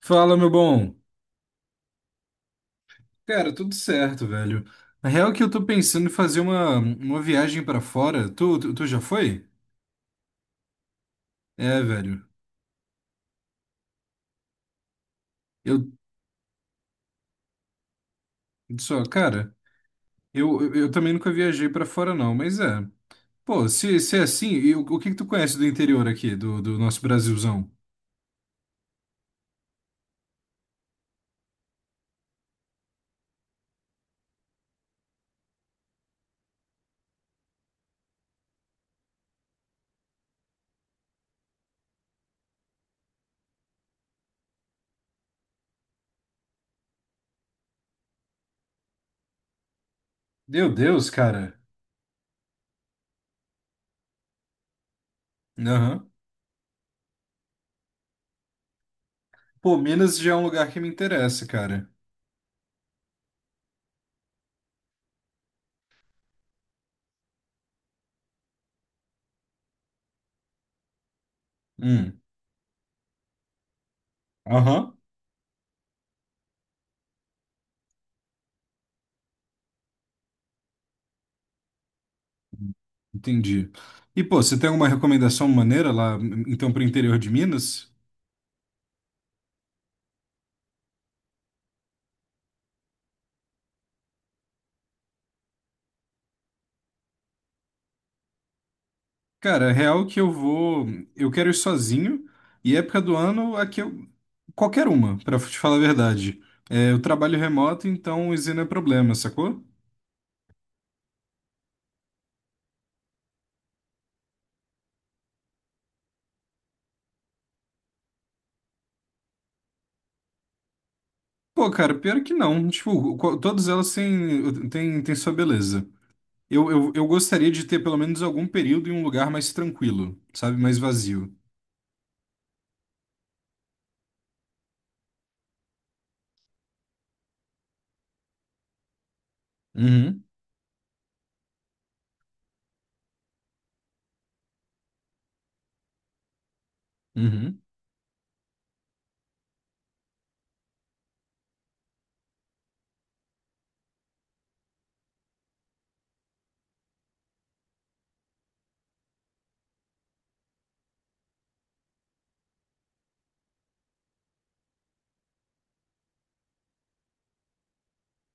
Fala, meu bom. Cara, tudo certo, velho. Na real é que eu tô pensando em fazer uma viagem pra fora. Tu já foi? É, velho. Eu só, cara, eu também nunca viajei pra fora não, mas é. Pô, se é assim, e o que que tu conhece do interior aqui, do nosso Brasilzão? Meu Deus, cara. Aham. Pô, Minas já é um lugar que me interessa, cara. Hum. Aham. Entendi. E, pô, você tem alguma recomendação maneira lá, então, pro interior de Minas? Cara, real é que eu vou. Eu quero ir sozinho. E época do ano, aqui eu. Qualquer uma, pra te falar a verdade. É, eu trabalho remoto, então isso não é problema, sacou? Pô, cara, pior que não. Tipo, co- todas elas têm, têm sua beleza. Eu gostaria de ter pelo menos algum período em um lugar mais tranquilo, sabe? Mais vazio. Uhum, uhum,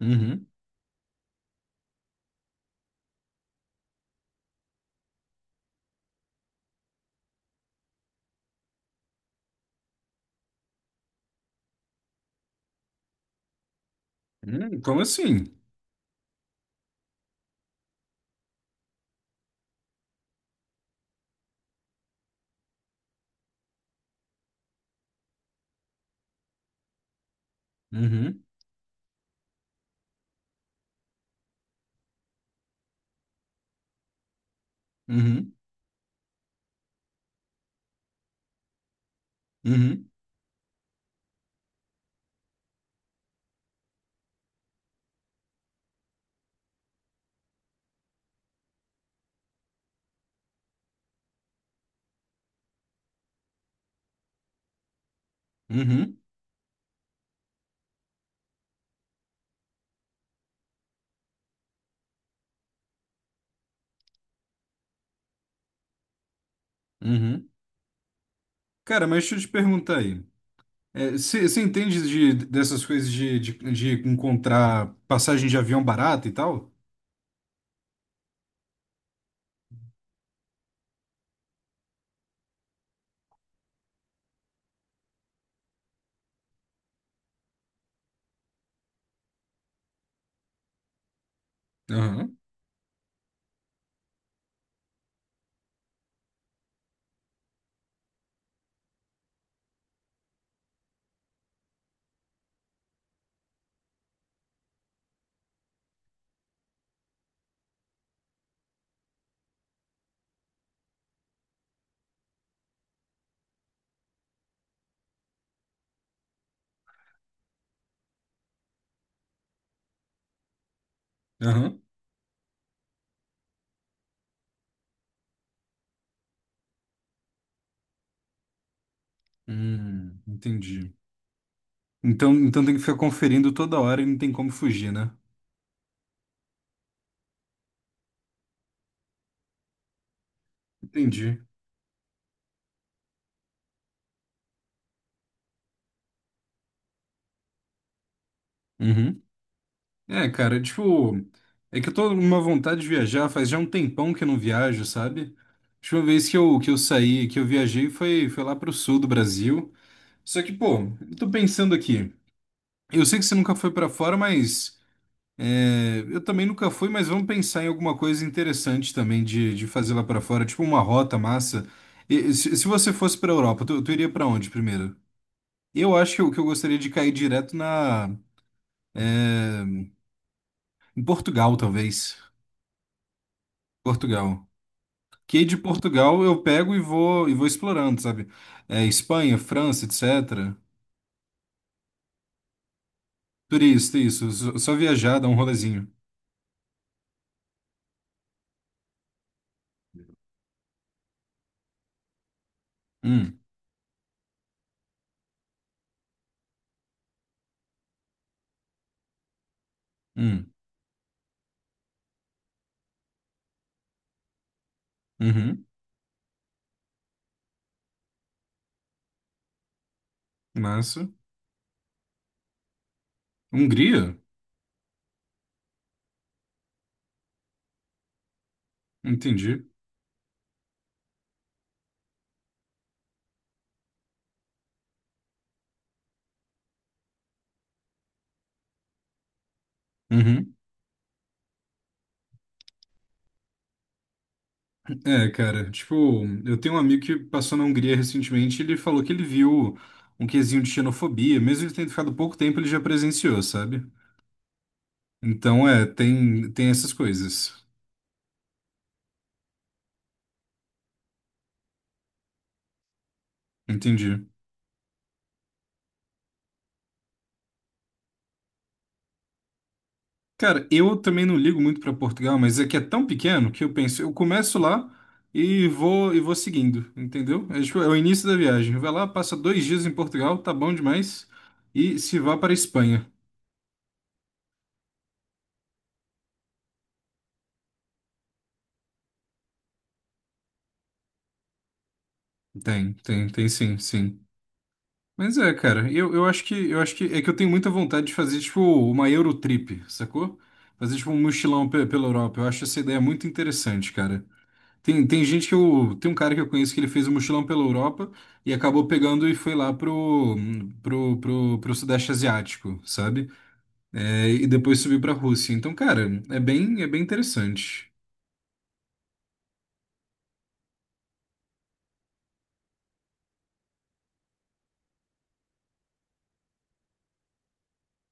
uhum. Como assim? Uhum, uhum, uhum, uhum, uhum. Cara, mas deixa eu te perguntar aí. É, Você entende de, dessas coisas de, de encontrar passagem de avião barata e tal? Aham, aham. Entendi. Então, então tem que ficar conferindo toda hora e não tem como fugir, né? Entendi. Uhum. É, cara, tipo, é que eu tô numa vontade de viajar, faz já um tempão que eu não viajo, sabe? A última vez que eu saí, que eu viajei foi, foi lá pro sul do Brasil. Só que, pô, eu tô pensando aqui. Eu sei que você nunca foi pra fora, mas. É, eu também nunca fui, mas vamos pensar em alguma coisa interessante também de fazer lá pra fora, tipo uma rota massa. E- se você fosse pra Europa, tu iria pra onde primeiro? Eu acho que eu gostaria de cair direto na em Portugal, talvez. Portugal. Que de Portugal eu pego e vou explorando, sabe? É, Espanha, França, etc. Turista, isso. Só, só viajar, dar um rolezinho. Hum, hum, uhum, massa. Hungria? Entendi. Uhum. É, cara, tipo, eu tenho um amigo que passou na Hungria recentemente e ele falou que ele viu um quesinho de xenofobia, mesmo ele tendo ficado pouco tempo, ele já presenciou, sabe? Então, é, tem, tem essas coisas. Entendi. Cara, eu também não ligo muito pra Portugal, mas é que é tão pequeno que eu penso, eu começo lá e vou seguindo, entendeu? É, tipo, é o início da viagem. Vai lá, passa 2 dias em Portugal, tá bom demais, e se vá para a Espanha. Tem, tem sim, sim. Mas é, cara, eu, eu acho que é que eu tenho muita vontade de fazer tipo uma Eurotrip, sacou? Fazer tipo um mochilão pe- pela Europa. Eu acho essa ideia muito interessante, cara. Tem, tem gente que eu tem um cara que eu conheço que ele fez um mochilão pela Europa e acabou pegando e foi lá pro pro Sudeste Asiático, sabe? É, e depois subiu pra Rússia. Então, cara, é bem interessante.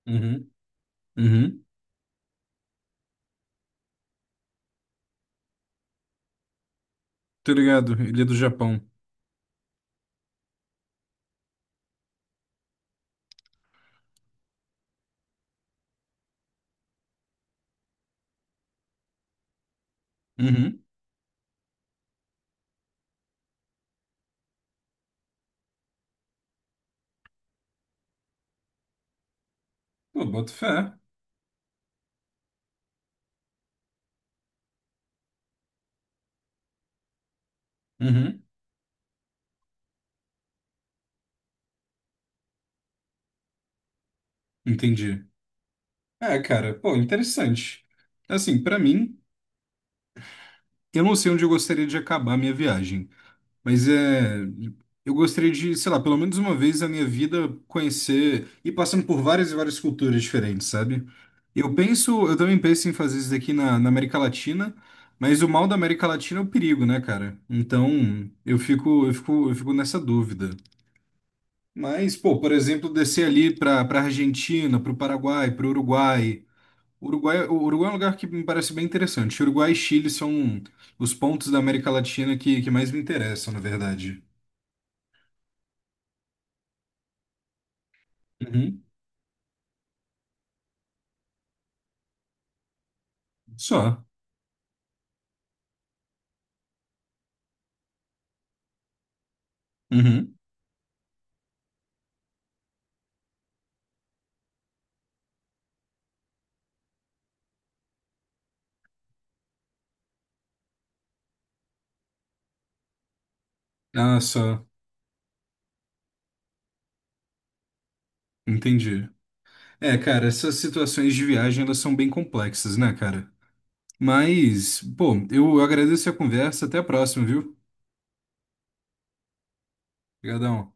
Uhum. Uhum. Tô ligado, ele é do Japão. Uhum. Pô, boto fé. Uhum. Entendi. É, cara, pô, interessante. Assim, pra mim, eu não sei onde eu gostaria de acabar a minha viagem, mas é, eu gostaria de, sei lá, pelo menos uma vez na minha vida conhecer e passando por várias e várias culturas diferentes, sabe? Eu penso, eu também penso em fazer isso daqui na, na América Latina, mas o mal da América Latina é o perigo, né, cara? Então, eu fico nessa dúvida. Mas, pô, por exemplo, descer ali para Argentina, para o Paraguai, para o Uruguai. Uruguai, o Uruguai é um lugar que me parece bem interessante. Uruguai e Chile são os pontos da América Latina que mais me interessam, na verdade. Uhum. Só. Uhum. Ah, só. Entendi. É, cara, essas situações de viagem, elas são bem complexas, né, cara? Mas, pô, eu agradeço a conversa. Até a próxima, viu? Obrigadão.